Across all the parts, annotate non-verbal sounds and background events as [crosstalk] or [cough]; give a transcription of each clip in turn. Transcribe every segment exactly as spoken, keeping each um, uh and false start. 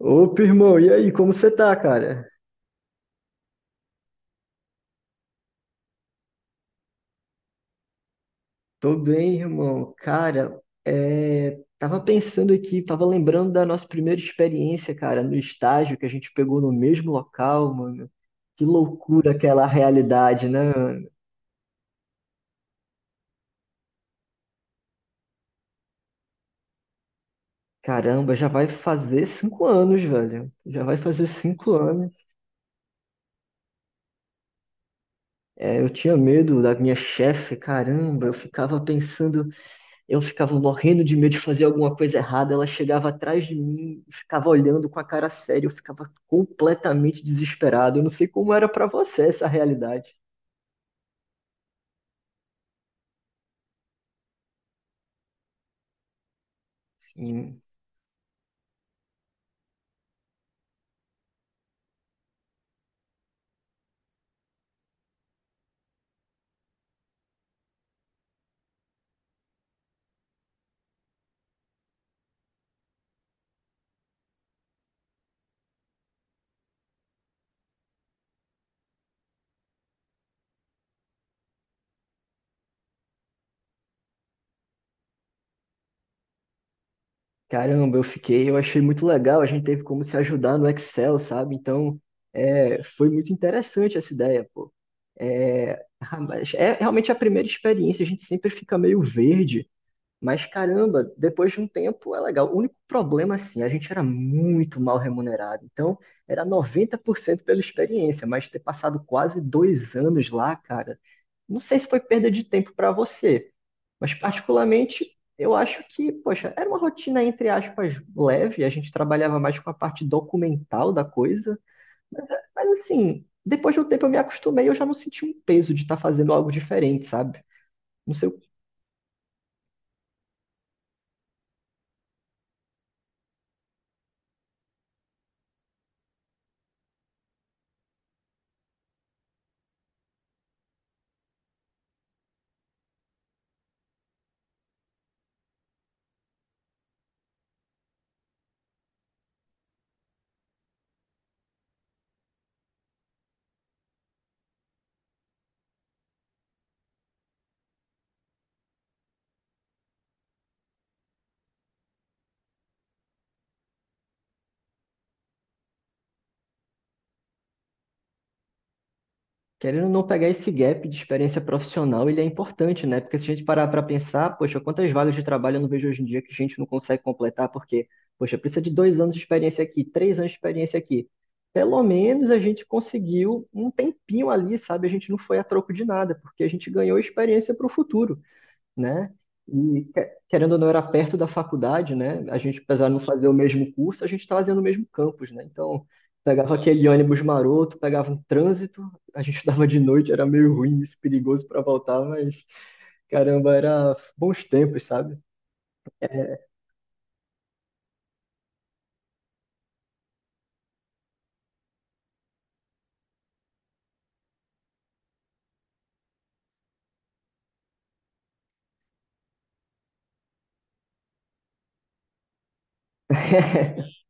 Opa, irmão, e aí, como você tá, cara? Tô bem, irmão. Cara, é, tava pensando aqui, tava lembrando da nossa primeira experiência, cara, no estágio que a gente pegou no mesmo local, mano. Que loucura aquela realidade, né, mano? Caramba, já vai fazer cinco anos, velho. Já vai fazer cinco anos. É, eu tinha medo da minha chefe, caramba. Eu ficava pensando. Eu ficava morrendo de medo de fazer alguma coisa errada. Ela chegava atrás de mim, ficava olhando com a cara séria. Eu ficava completamente desesperado. Eu não sei como era pra você essa realidade. Sim. Caramba, eu fiquei, eu achei muito legal. A gente teve como se ajudar no Excel, sabe? Então, é, foi muito interessante essa ideia, pô. É, ah, mas é realmente a primeira experiência. A gente sempre fica meio verde. Mas caramba, depois de um tempo é legal. O único problema, assim, a gente era muito mal remunerado. Então, era noventa por cento pela experiência, mas ter passado quase dois anos lá, cara, não sei se foi perda de tempo para você, mas particularmente eu acho que, poxa, era uma rotina, entre aspas, leve. A gente trabalhava mais com a parte documental da coisa, mas, mas assim, depois de um tempo eu me acostumei, eu já não senti um peso de estar fazendo algo diferente, sabe? Não sei. Querendo ou não pegar esse gap de experiência profissional, ele é importante, né? Porque se a gente parar para pensar, poxa, quantas vagas de trabalho eu não vejo hoje em dia que a gente não consegue completar, porque, poxa, precisa de dois anos de experiência aqui, três anos de experiência aqui. Pelo menos a gente conseguiu um tempinho ali, sabe? A gente não foi a troco de nada, porque a gente ganhou experiência para o futuro, né? E que- querendo ou não, era perto da faculdade, né? A gente, apesar de não fazer o mesmo curso, a gente estava fazendo o mesmo campus, né? Então, pegava aquele ônibus maroto, pegava um trânsito, a gente [laughs] estudava de noite, era meio ruim, isso, perigoso para voltar, mas caramba, era bons tempos, sabe? [laughs]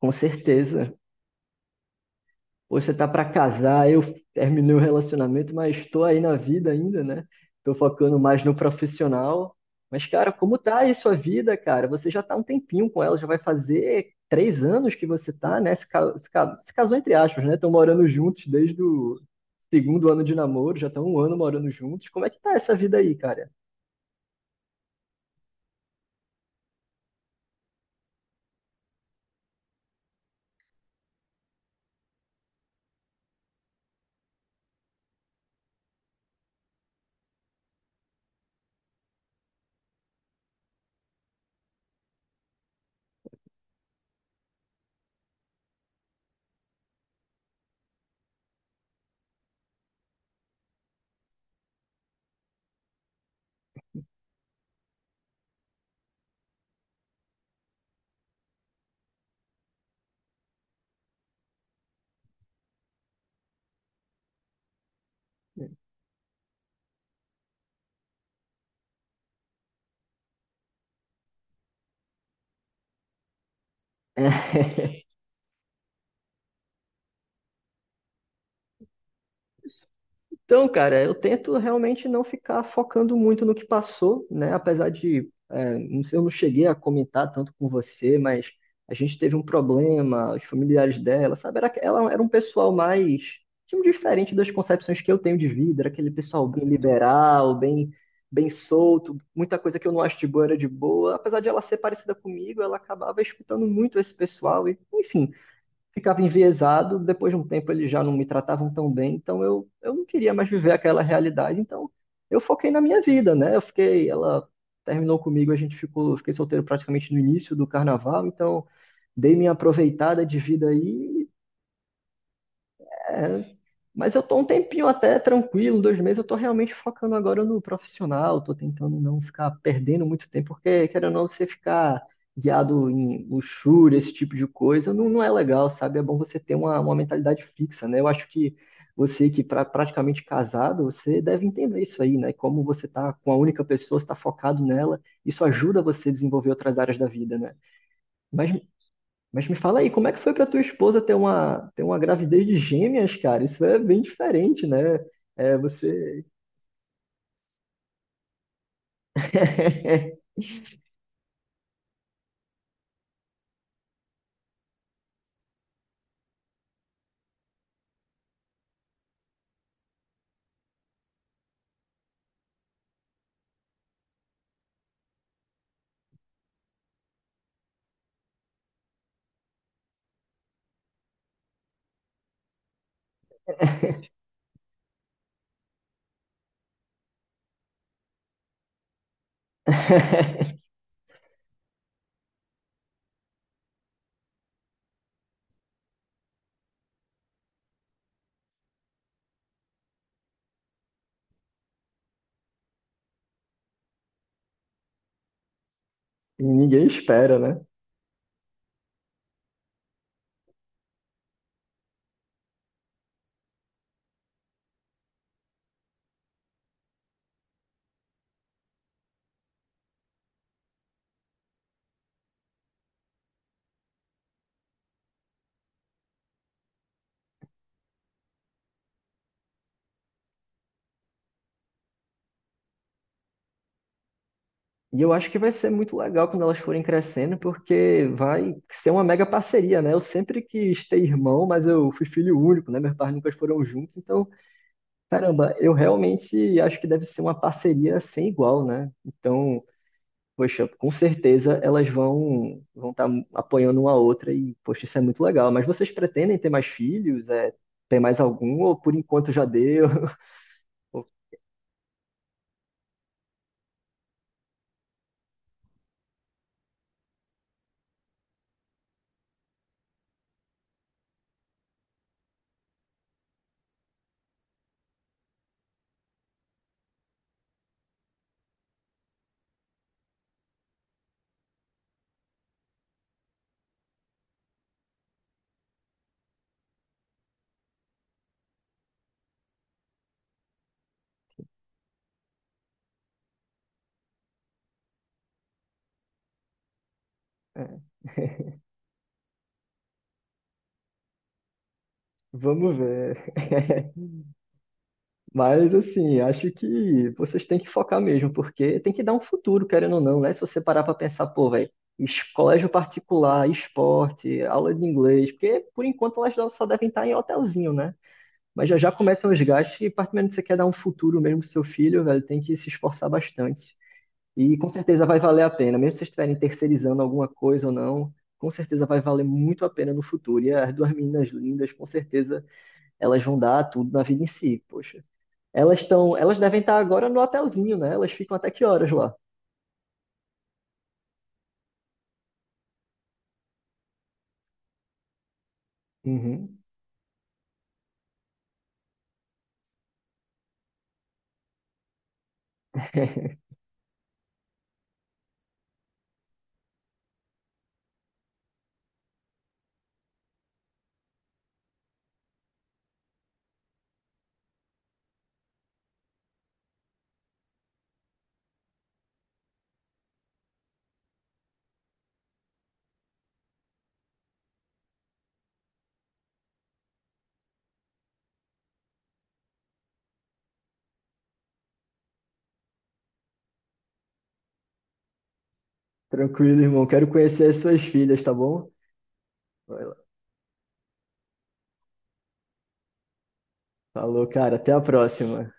Com certeza. Pô, você tá para casar, eu terminei o relacionamento, mas estou aí na vida ainda, né? Tô focando mais no profissional. Mas, cara, como tá aí sua vida, cara? Você já tá há um tempinho com ela, já vai fazer três anos que você tá, né? Se, ca- se ca- se casou entre aspas, né? Estão morando juntos desde o segundo ano de namoro, já estão um ano morando juntos. Como é que tá essa vida aí, cara? [laughs] Então, cara, eu tento realmente não ficar focando muito no que passou, né? Apesar de, é, não sei, eu não cheguei a comentar tanto com você, mas a gente teve um problema, os familiares dela, sabe? Era, ela era um pessoal mais, tipo, diferente das concepções que eu tenho de vida, era aquele pessoal bem liberal, bem, bem solto, muita coisa que eu não acho de boa era de boa. Apesar de ela ser parecida comigo, ela acabava escutando muito esse pessoal e, enfim, ficava enviesado, depois de um tempo eles já não me tratavam tão bem, então eu, eu não queria mais viver aquela realidade, então eu foquei na minha vida, né? Eu fiquei, ela terminou comigo, a gente ficou, eu fiquei solteiro praticamente no início do carnaval, então dei minha aproveitada de vida aí, é, mas eu tô um tempinho até tranquilo, dois meses, eu tô realmente focando agora no profissional, tô tentando não ficar perdendo muito tempo, porque querendo ou não, você ficar guiado em luxúria, esse tipo de coisa, não, não é legal, sabe? É bom você ter uma, uma mentalidade fixa, né? Eu acho que você que pra, praticamente casado, você deve entender isso aí, né? Como você tá com a única pessoa, você tá focado nela, isso ajuda você a desenvolver outras áreas da vida, né? Mas mas me fala aí, como é que foi para tua esposa ter uma, ter uma gravidez de gêmeas, cara? Isso é bem diferente, né? É, você. [laughs] E ninguém espera, né? E eu acho que vai ser muito legal quando elas forem crescendo, porque vai ser uma mega parceria, né? Eu sempre quis ter irmão, mas eu fui filho único, né? Meus pais nunca foram juntos, então, caramba, eu realmente acho que deve ser uma parceria sem igual, né? Então, poxa, com certeza elas vão vão estar apoiando uma outra e, poxa, isso é muito legal. Mas vocês pretendem ter mais filhos? É, ter mais algum? Ou por enquanto já deu? [laughs] Ou- é, Vamos ver. [laughs] Mas, assim, acho que vocês têm que focar mesmo, porque tem que dar um futuro, querendo ou não, né? Se você parar para pensar, pô, velho, colégio particular, esporte, aula de inglês, porque por enquanto elas só devem estar em hotelzinho, né? Mas já já começam os gastos e, particularmente, se você quer dar um futuro mesmo pro seu filho, velho, tem que se esforçar bastante. E com certeza vai valer a pena, mesmo se vocês estiverem terceirizando alguma coisa ou não, com certeza vai valer muito a pena no futuro. E as duas meninas lindas, com certeza, elas vão dar tudo na vida em si, poxa. Elas estão, elas devem estar agora no hotelzinho, né? Elas ficam até que horas lá? Uhum. [laughs] Tranquilo, irmão. Quero conhecer as suas filhas, tá bom? Vai lá. Falou, cara. Até a próxima.